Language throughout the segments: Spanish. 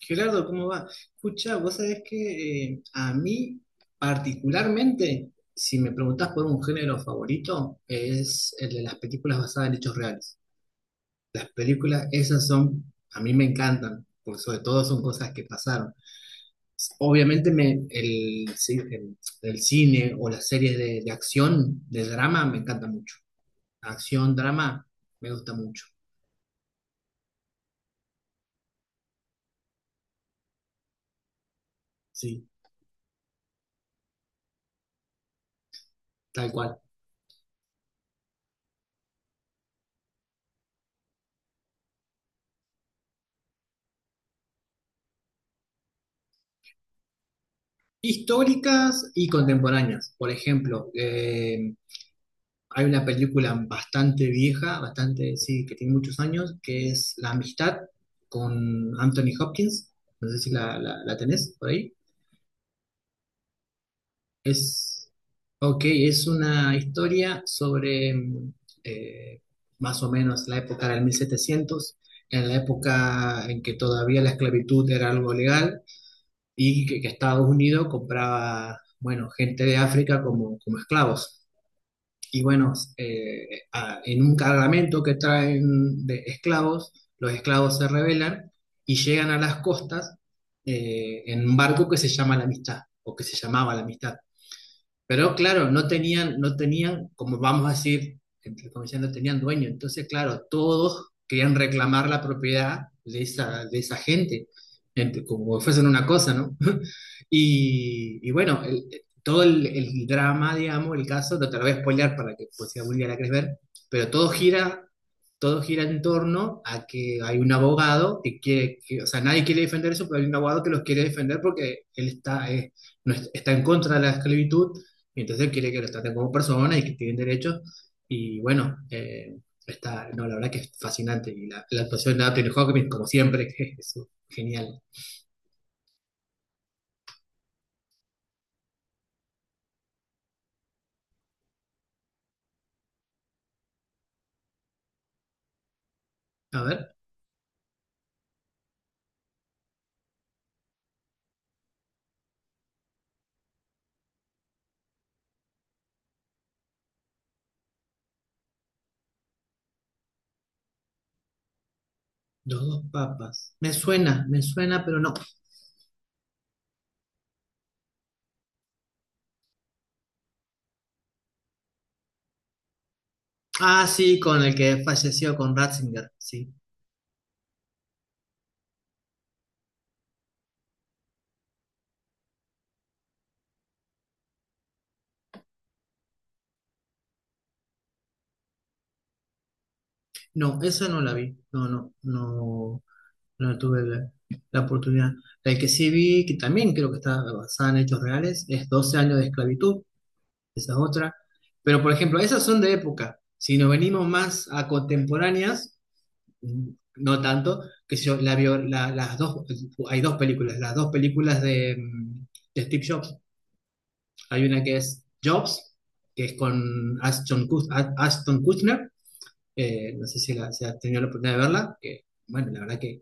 Gerardo, ¿cómo va? Escucha, vos sabés que a mí particularmente, si me preguntás por un género favorito, es el de las películas basadas en hechos reales. Las películas, esas son, a mí me encantan, porque sobre todo son cosas que pasaron. Obviamente me, el, ci- el cine o las series de acción, de drama, me encanta mucho. Acción, drama, me gusta mucho, sí, tal cual. Históricas y contemporáneas. Por ejemplo, hay una película bastante vieja, bastante, sí, que tiene muchos años, que es La Amistad con Anthony Hopkins. No sé si la tenés por ahí. Es, ok, es una historia sobre eh, más o menos la época del 1700, en la época en que todavía la esclavitud era algo legal y que Estados Unidos compraba, bueno, gente de África como esclavos. Y bueno, en un cargamento que traen de esclavos, los esclavos se rebelan y llegan a las costas en un barco que se llama La Amistad, o que se llamaba La Amistad. Pero claro, no tenían, como vamos a decir, entre comillas, no tenían dueño. Entonces, claro, todos querían reclamar la propiedad de esa gente, como si fuesen una cosa, ¿no? Y bueno, todo el drama, digamos, el caso, no te lo voy a spoilear para que pues, si algún día la querés ver, pero todo gira en torno a que hay un abogado que o sea, nadie quiere defender eso, pero hay un abogado que los quiere defender porque él está, no es- está en contra de la esclavitud y entonces él quiere que los traten como personas y que tienen derechos. Y bueno, no, la verdad que es fascinante. Y la actuación de Anthony Hopkins, como siempre, que es genial. A ver, los dos papas. Me suena, pero no. Ah, sí, con el que falleció, con Ratzinger, sí. No, esa no la vi. No, no, no, no tuve la oportunidad. La que sí vi, que también creo que está basada en hechos reales, es Doce años de esclavitud, esa es otra. Pero, por ejemplo, esas son de época. Si nos venimos más a contemporáneas, mm, no tanto, que yo, las dos, hay dos películas, las dos películas de Steve Jobs. Hay una que es Jobs, que es con Ashton Kutcher, no sé si, si has tenido la oportunidad de verla, que, bueno, la verdad que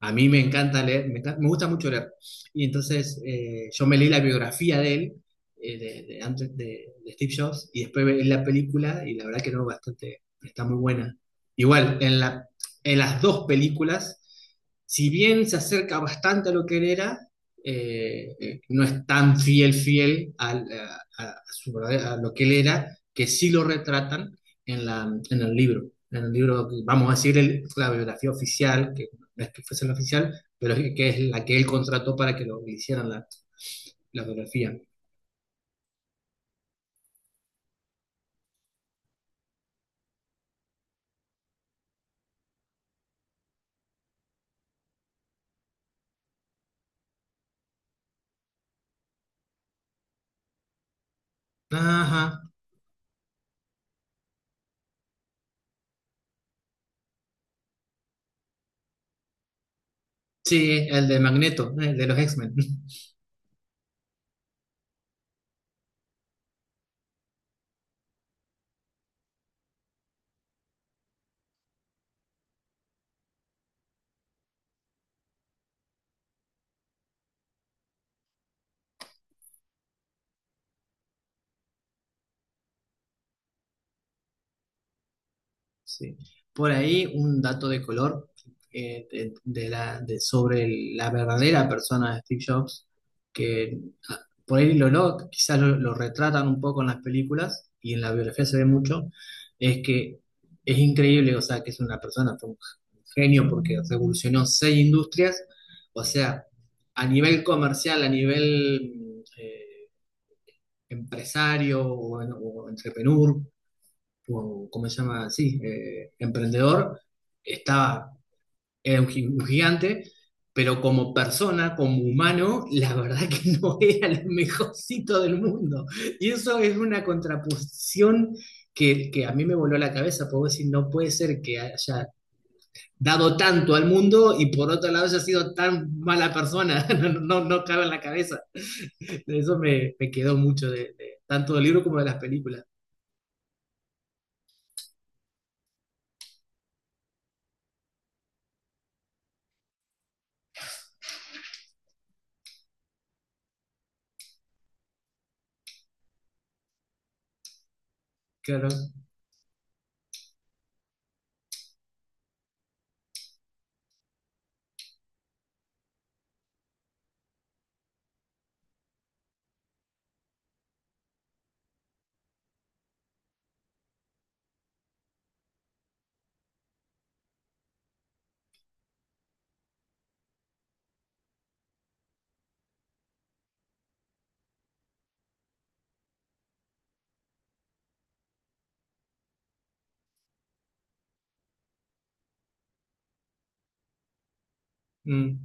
a mí me encanta leer, me gusta mucho leer. Y entonces yo me leí la biografía de él, de antes de Steve Jobs, y después leí la película, y la verdad que no, bastante, está muy buena. Igual, en las dos películas, si bien se acerca bastante a lo que él era, no es tan fiel, a su a lo que él era, que sí lo retratan en el libro. En el libro, vamos a decir, la biografía oficial, no es que fuese la oficial, pero es que es la que él contrató para que lo hicieran la biografía. Ajá, sí, el de Magneto, el de los X-Men. Sí. Por ahí un dato de color, sobre la verdadera persona de Steve Jobs, que ah, por ahí quizás lo retratan un poco en las películas, y en la biografía se ve mucho, es que es increíble, o sea, que es una persona, fue un genio porque revolucionó seis industrias, o sea, a nivel comercial, a nivel empresario o entrepreneur, o ¿cómo se llama? Sí, emprendedor, estaba, era un gigante, pero como persona, como humano, la verdad que no era el mejorcito del mundo. Y eso es una contraposición que a mí me voló la cabeza, puedo decir, no puede ser que haya dado tanto al mundo y por otro lado haya sido tan mala persona, no, no, no cabe en la cabeza. Eso me quedó mucho tanto del libro como de las películas. Claro, mm,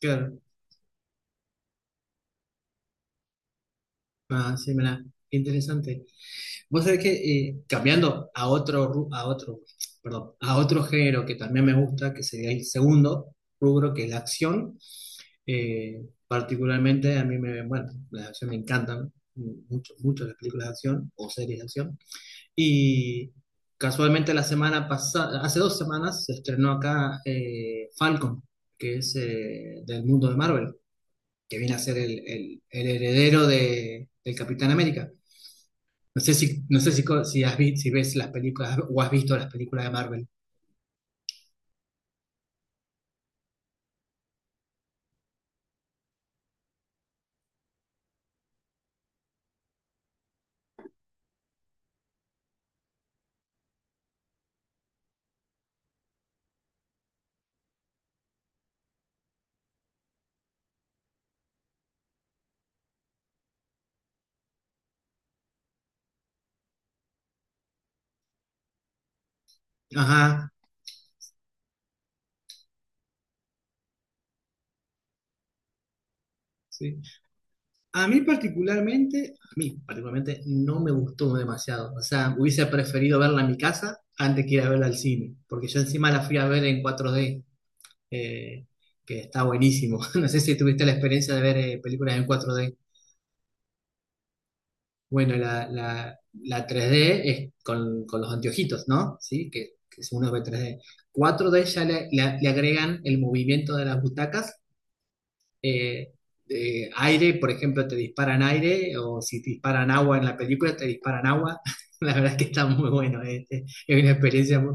claro. Ah, sí, mira, qué interesante. Vos sabés que, cambiando a otro, ru- a otro, perdón, a otro género que también me gusta, que sería el segundo rubro, que es la acción. eh, particularmente a mí bueno, la acción me encantan mucho, mucho las películas de acción o series de acción. Y casualmente la semana pasada, hace dos semanas, se estrenó acá Falcon, que es del mundo de Marvel, que viene a ser el heredero del Capitán América. No sé si, si ves las películas o has visto las películas de Marvel. Ajá, sí. A mí particularmente no me gustó demasiado. O sea, hubiese preferido verla en mi casa antes que ir a verla al cine, porque yo encima la fui a ver en 4D, eh, que está buenísimo. No sé si tuviste la experiencia de ver películas en 4D. Bueno, la 3D es con, los anteojitos, ¿no? Sí, que uno ve 3D. 4D ya le agregan el movimiento de las butacas, eh, de aire, por ejemplo, te disparan aire, o si te disparan agua en la película, te disparan agua. La verdad es que está muy bueno, es una experiencia muy,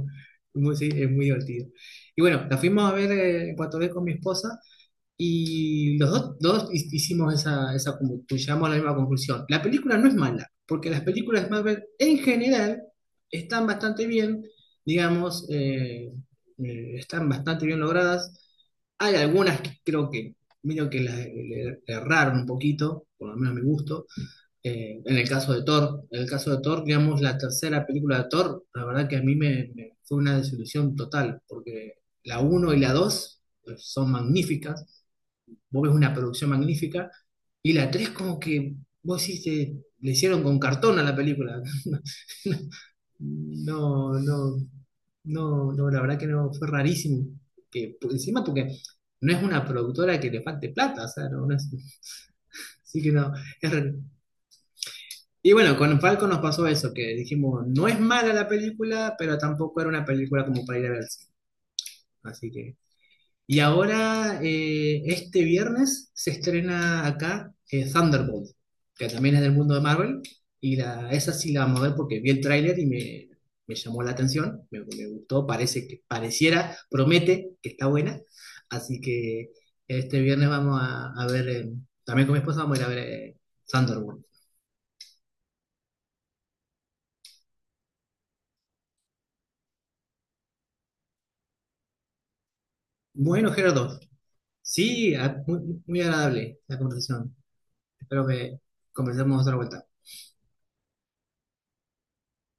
sí, es muy divertido. Y bueno, la fuimos a ver en Puerto Rico con mi esposa, y los dos hicimos esa, llegamos a la misma conclusión. La película no es mala, porque las películas de Marvel en general están bastante bien, digamos, están bastante bien logradas. Hay algunas que creo que medio que le erraron un poquito, por lo menos a mi gusto. En el caso de Thor, en el caso de Thor, digamos, la tercera película de Thor, la verdad que a mí me fue una desilusión total, porque la uno y la 2 son magníficas. Vos ves una producción magnífica, y la 3 como que vos decís, le hicieron con cartón a la película. No, no, no, no, la verdad que no, fue rarísimo. Que, por encima, porque no es una productora que le falte plata, o sea, así que no, es raro. Y bueno, con Falco nos pasó eso, que dijimos, no es mala la película, pero tampoco era una película como para ir a ver al cine. Así que. Y ahora, este viernes, se estrena acá Thunderbolt, que también es del mundo de Marvel. Y esa sí la vamos a ver porque vi el tráiler y me llamó la atención, me gustó, parece que pareciera, promete que está buena. Así que este viernes vamos a ver, también con mi esposa vamos a ir a ver, Thunderbolt. Bueno, Gerardo, sí, muy, muy agradable la conversación. Espero que conversemos otra vuelta.